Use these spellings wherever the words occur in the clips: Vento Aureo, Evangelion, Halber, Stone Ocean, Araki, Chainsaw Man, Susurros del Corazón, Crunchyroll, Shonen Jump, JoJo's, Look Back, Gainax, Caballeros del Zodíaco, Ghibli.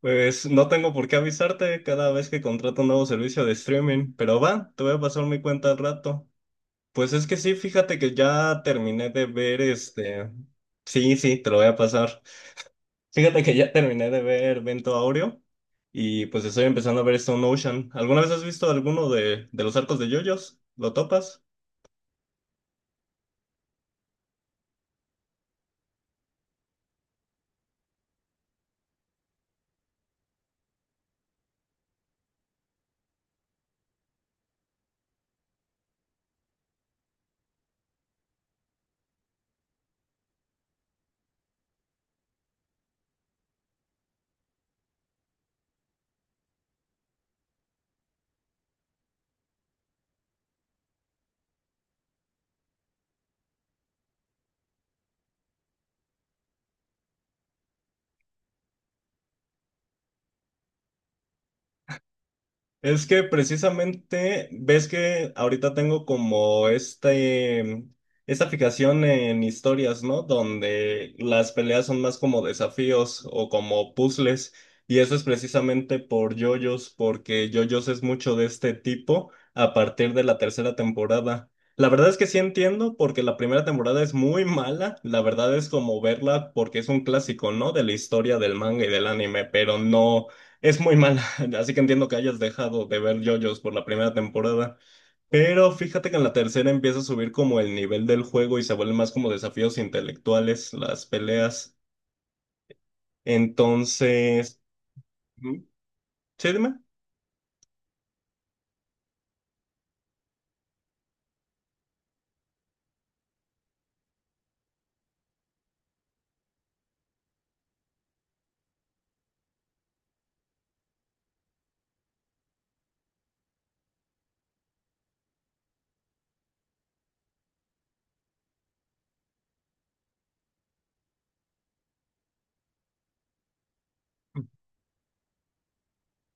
Pues no tengo por qué avisarte cada vez que contrato un nuevo servicio de streaming, pero va, te voy a pasar mi cuenta al rato. Pues es que sí, fíjate que ya terminé de ver este. Sí, sí, te lo voy a pasar. Fíjate que ya terminé de ver Vento Aureo y pues estoy empezando a ver Stone Ocean. ¿Alguna vez has visto alguno de los arcos de JoJo's? ¿Lo topas? Es que precisamente ves que ahorita tengo como esta fijación en historias, ¿no? Donde las peleas son más como desafíos o como puzzles. Y eso es precisamente por JoJo's, porque JoJo's es mucho de este tipo a partir de la tercera temporada. La verdad es que sí entiendo, porque la primera temporada es muy mala. La verdad es como verla porque es un clásico, ¿no? De la historia del manga y del anime, pero no. Es muy mala, así que entiendo que hayas dejado de ver JoJo's por la primera temporada, pero fíjate que en la tercera empieza a subir como el nivel del juego y se vuelven más como desafíos intelectuales las peleas. Entonces, ujú, sí, dime.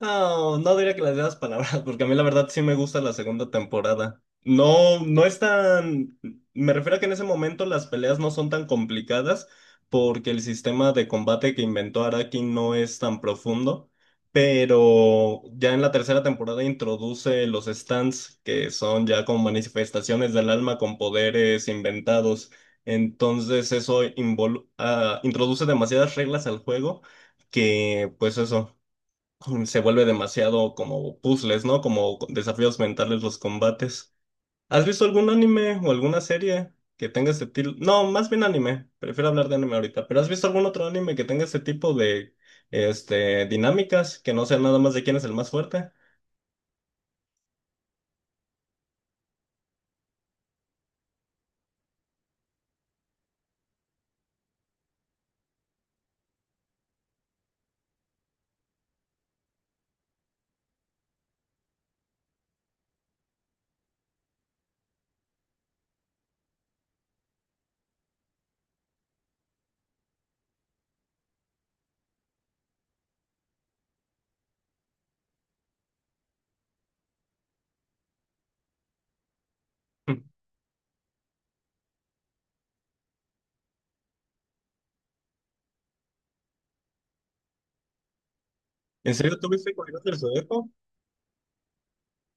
No, no diría que las mismas palabras, porque a mí la verdad sí me gusta la segunda temporada. No, no es tan... Me refiero a que en ese momento las peleas no son tan complicadas porque el sistema de combate que inventó Araki no es tan profundo, pero ya en la tercera temporada introduce los stands, que son ya como manifestaciones del alma con poderes inventados. Entonces eso introduce demasiadas reglas al juego que pues eso se vuelve demasiado como puzzles, ¿no? Como desafíos mentales los combates. ¿Has visto algún anime o alguna serie que tenga ese tipo? No, más bien anime. Prefiero hablar de anime ahorita. ¿Pero has visto algún otro anime que tenga ese tipo de dinámicas que no sea nada más de quién es el más fuerte? Mm. ¿En serio tuviste Caballeros del Zodíaco?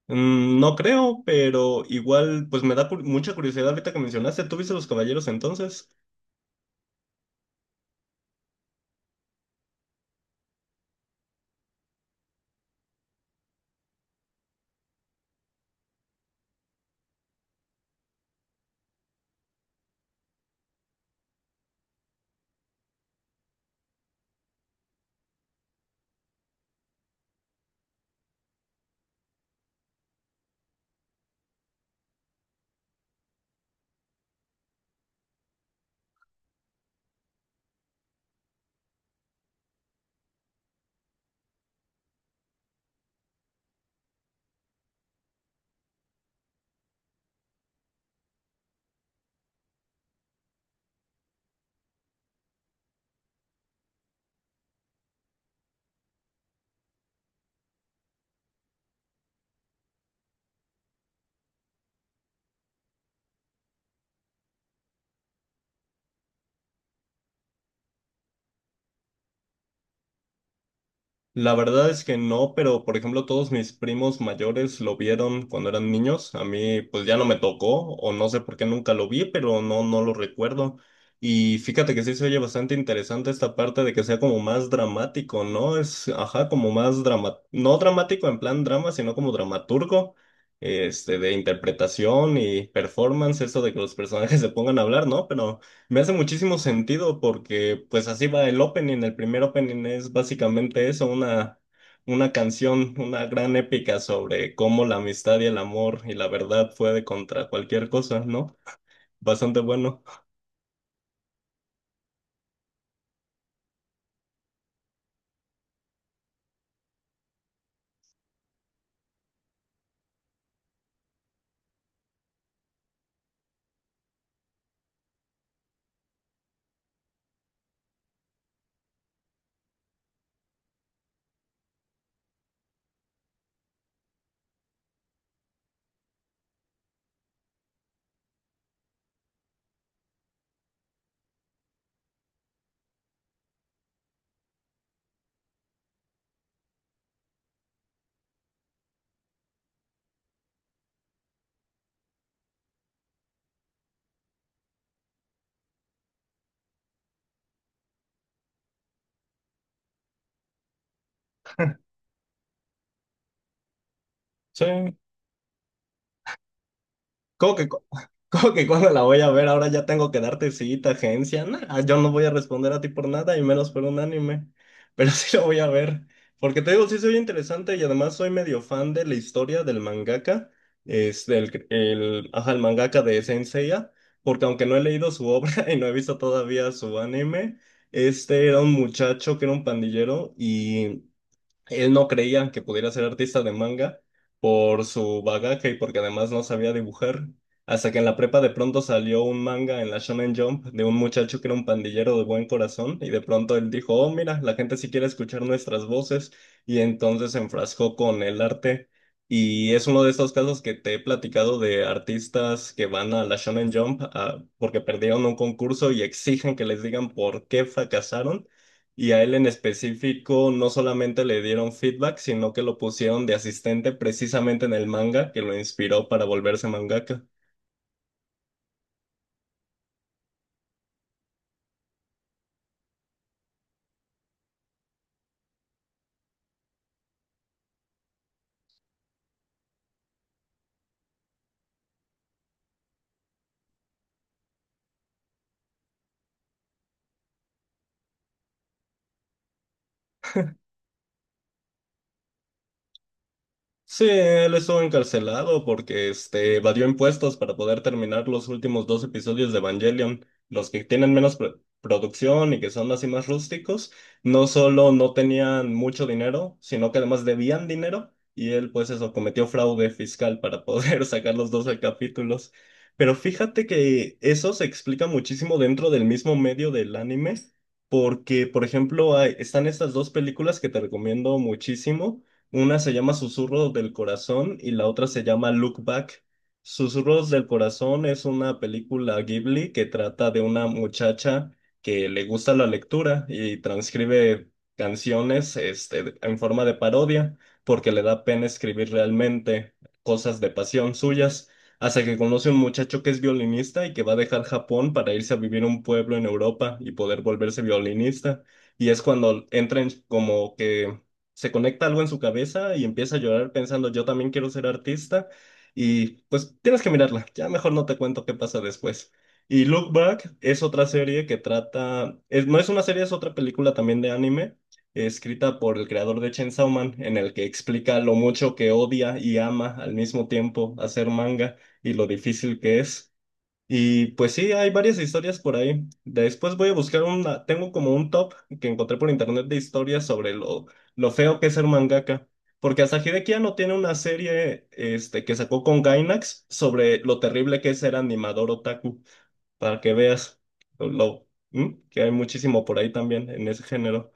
Mm, no creo, pero igual, pues me da mucha curiosidad ahorita que mencionaste. ¿Tú viste los caballeros entonces? La verdad es que no, pero por ejemplo todos mis primos mayores lo vieron cuando eran niños. A mí pues ya no me tocó o no sé por qué nunca lo vi, pero no, no lo recuerdo. Y fíjate que sí se oye bastante interesante esta parte de que sea como más dramático, ¿no? Es, ajá, como más drama, no dramático en plan drama, sino como dramaturgo, de interpretación y performance, eso de que los personajes se pongan a hablar, ¿no? Pero... me hace muchísimo sentido porque pues así va el opening. El primer opening es básicamente eso, una canción, una gran épica sobre cómo la amistad y el amor y la verdad puede contra cualquier cosa, ¿no? Bastante bueno. Sí. ¿Cómo que, cómo que cuando la voy a ver? Ahora ya tengo que darte cita, agencia. Nah, ah, yo no voy a responder a ti por nada y menos por un anime. Pero sí lo voy a ver. Porque te digo, sí soy interesante y además soy medio fan de la historia del mangaka. Es ajá, el mangaka de Sensei. Porque aunque no he leído su obra y no he visto todavía su anime, este era un muchacho que era un pandillero y él no creía que pudiera ser artista de manga por su bagaje y porque además no sabía dibujar. Hasta que en la prepa de pronto salió un manga en la Shonen Jump de un muchacho que era un pandillero de buen corazón y de pronto él dijo, oh, mira, la gente sí quiere escuchar nuestras voces y entonces se enfrascó con el arte. Y es uno de estos casos que te he platicado de artistas que van a la Shonen Jump, ah, porque perdieron un concurso y exigen que les digan por qué fracasaron y a él en específico no solamente le dieron feedback, sino que lo pusieron de asistente precisamente en el manga que lo inspiró para volverse mangaka. Sí, él estuvo encarcelado porque evadió impuestos para poder terminar los últimos dos episodios de Evangelion. Los que tienen menos producción y que son así más rústicos, no solo no tenían mucho dinero, sino que además debían dinero y él pues eso cometió fraude fiscal para poder sacar los 12 capítulos. Pero fíjate que eso se explica muchísimo dentro del mismo medio del anime, porque por ejemplo están estas dos películas que te recomiendo muchísimo. Una se llama Susurros del Corazón y la otra se llama Look Back. Susurros del Corazón es una película Ghibli que trata de una muchacha que le gusta la lectura y transcribe canciones en forma de parodia porque le da pena escribir realmente cosas de pasión suyas, hasta que conoce a un muchacho que es violinista y que va a dejar Japón para irse a vivir a un pueblo en Europa y poder volverse violinista. Y es cuando entra en como que se conecta algo en su cabeza y empieza a llorar pensando, yo también quiero ser artista. Y pues tienes que mirarla, ya mejor no te cuento qué pasa después. Y Look Back es otra serie que trata, no es una serie, es otra película también de anime, escrita por el creador de Chainsaw Man, en el que explica lo mucho que odia y ama al mismo tiempo hacer manga y lo difícil que es. Y pues sí, hay varias historias por ahí. Después voy a buscar una, tengo como un top que encontré por internet de historias sobre lo feo que es ser mangaka. Porque Asahi ya no tiene una serie que sacó con Gainax sobre lo terrible que es ser animador otaku, para que veas ¿mm? Que hay muchísimo por ahí también en ese género.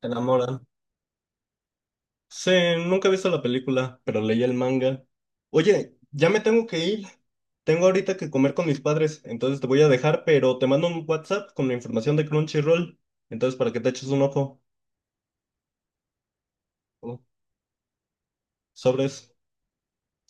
Te enamoran. Sí, nunca he visto la película, pero leí el manga. Oye, ya me tengo que ir. Tengo ahorita que comer con mis padres, entonces te voy a dejar, pero te mando un WhatsApp con la información de Crunchyroll, entonces para que te eches un ojo. Oh, sobres.